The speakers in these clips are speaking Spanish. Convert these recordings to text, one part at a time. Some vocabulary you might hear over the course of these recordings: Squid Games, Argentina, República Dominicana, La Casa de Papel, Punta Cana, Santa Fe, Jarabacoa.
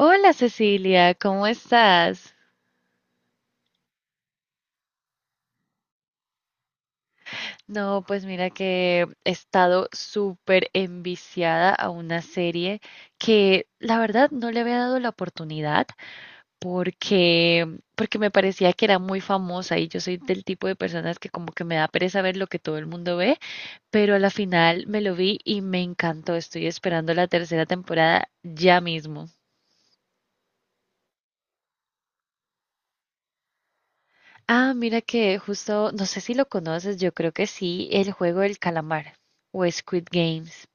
Hola Cecilia, ¿cómo estás? No, pues mira que he estado súper enviciada a una serie que la verdad no le había dado la oportunidad porque, porque me parecía que era muy famosa y yo soy del tipo de personas que como que me da pereza ver lo que todo el mundo ve, pero a la final me lo vi y me encantó. Estoy esperando la tercera temporada ya mismo. Ah, mira que justo, no sé si lo conoces, yo creo que sí, el juego del calamar o Squid Games.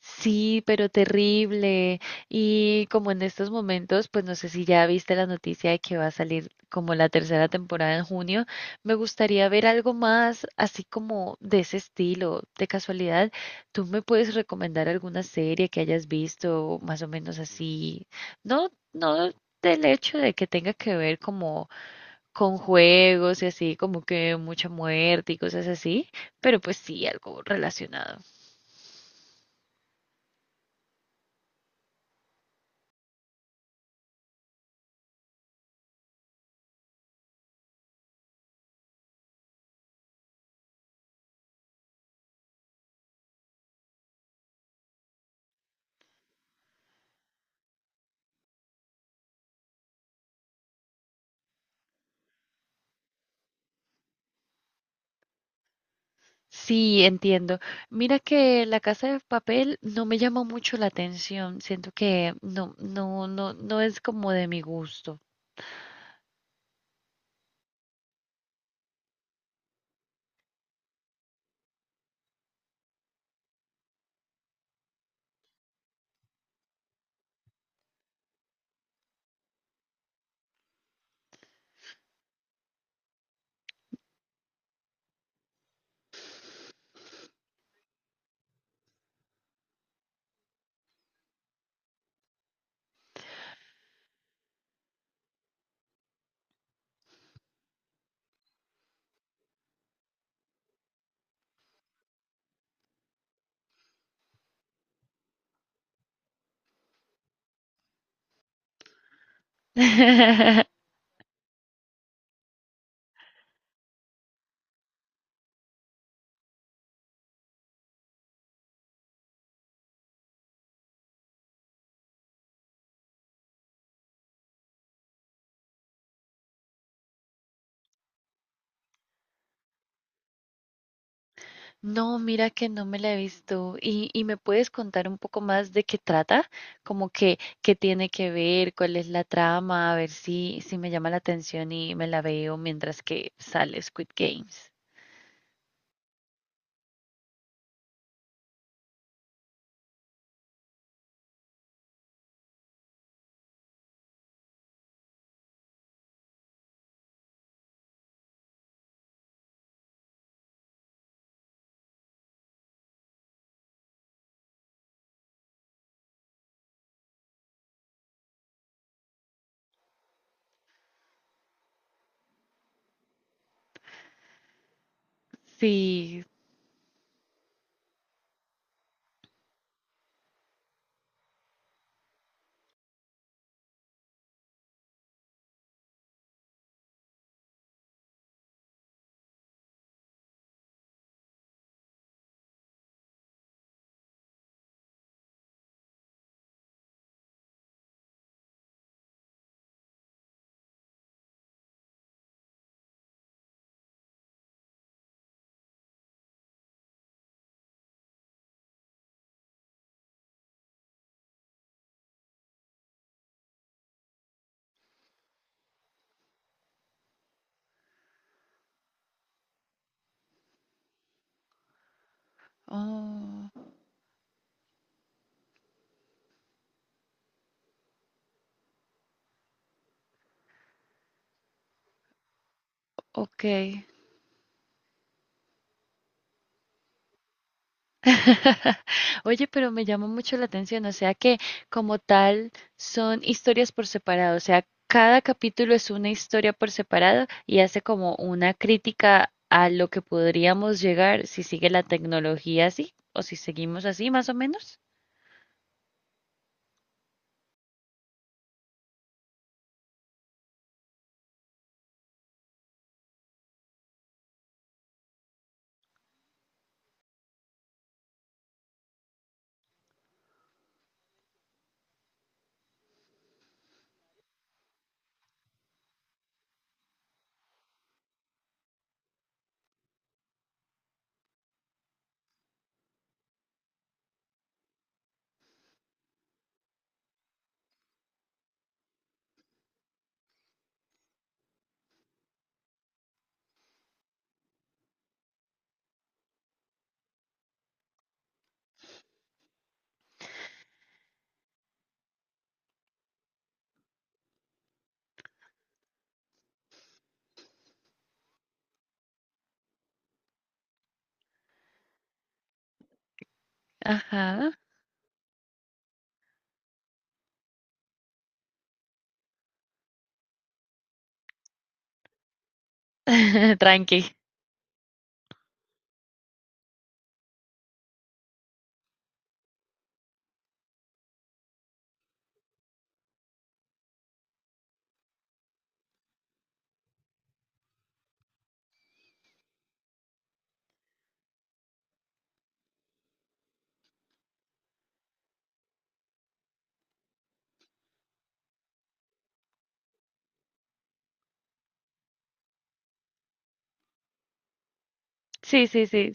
Sí, pero terrible. Y como en estos momentos, pues no sé si ya viste la noticia de que va a salir como la tercera temporada en junio, me gustaría ver algo más así como de ese estilo. De casualidad, ¿tú me puedes recomendar alguna serie que hayas visto más o menos así? No, no del hecho de que tenga que ver como con juegos y así, como que mucha muerte y cosas así, pero pues sí, algo relacionado. Sí, entiendo. Mira que La Casa de Papel no me llama mucho la atención, siento que no, no es como de mi gusto. No, mira que no me la he visto. Y me puedes contar un poco más de qué trata? Como que, qué tiene que ver, cuál es la trama, a ver si, si me llama la atención y me la veo mientras que sale Squid Games. Sí. Oh, ok. Oye, pero me llama mucho la atención, o sea que como tal son historias por separado, o sea, cada capítulo es una historia por separado y hace como una crítica a lo que podríamos llegar si sigue la tecnología así o si seguimos así más o menos. Ajá. Tranqui. Sí, sí, sí.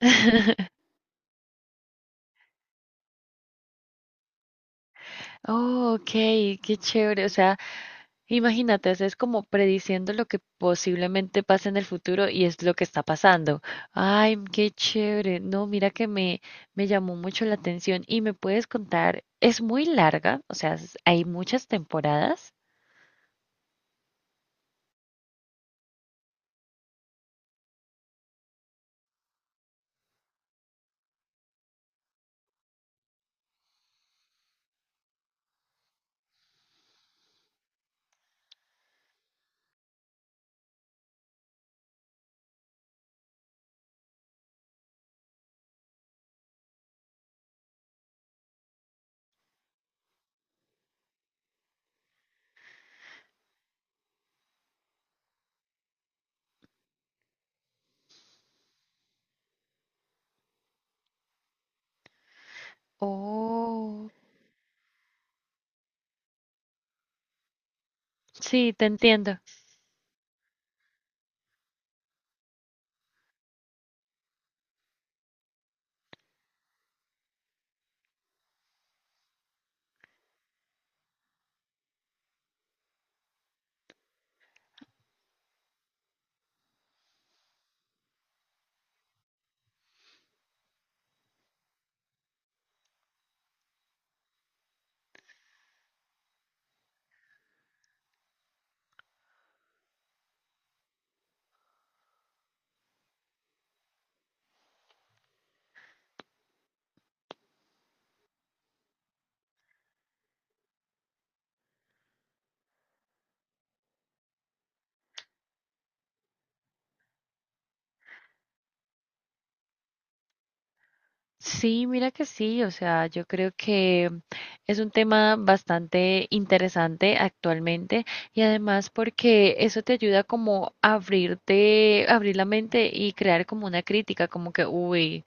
Oh, ok, qué chévere. O sea, imagínate, o sea, es como prediciendo lo que posiblemente pase en el futuro y es lo que está pasando. Ay, qué chévere. No, mira que me llamó mucho la atención y me puedes contar, es muy larga, o sea, es- hay muchas temporadas. Oh, sí, te entiendo. Sí, mira que sí, o sea, yo creo que es un tema bastante interesante actualmente y además porque eso te ayuda como a abrirte, abrir la mente y crear como una crítica, como que, uy,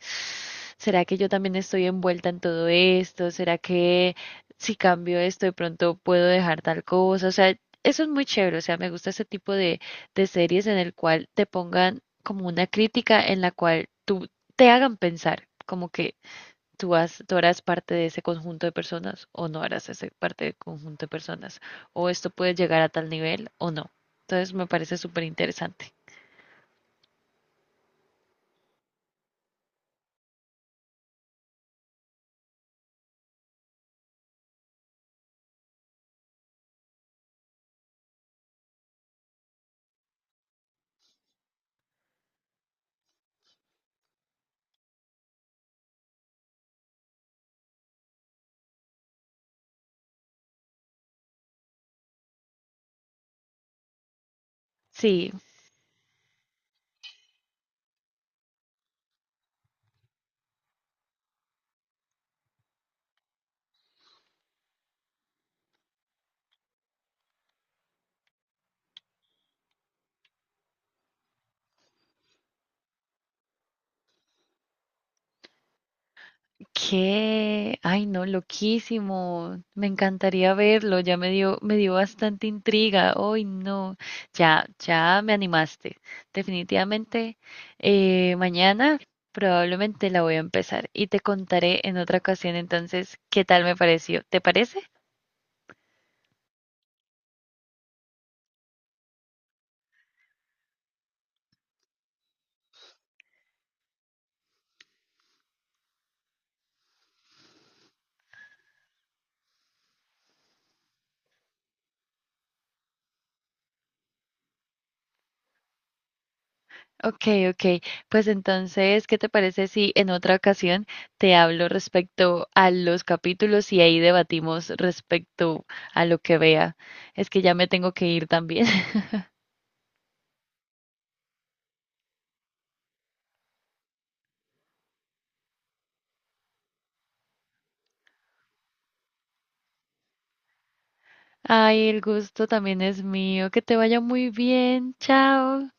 ¿será que yo también estoy envuelta en todo esto? ¿Será que si cambio esto de pronto puedo dejar tal cosa? O sea, eso es muy chévere, o sea, me gusta ese tipo de series en el cual te pongan como una crítica en la cual tú te hagan pensar, como que tú, has- tú harás parte de ese conjunto de personas o no harás ese parte del conjunto de personas, o esto puede llegar a tal nivel o no. Entonces me parece súper interesante. Sí. ¿Qué? Ay, no, loquísimo. Me encantaría verlo. Ya me dio bastante intriga. Ay, no. Ya, ya me animaste. Definitivamente, mañana probablemente la voy a empezar y te contaré en otra ocasión entonces qué tal me pareció. ¿Te parece? Ok, ok. Pues entonces, ¿qué te parece si en otra ocasión te hablo respecto a los capítulos y ahí debatimos respecto a lo que vea? Es que ya me tengo que ir también. Ay, el gusto también es mío. Que te vaya muy bien. Chao.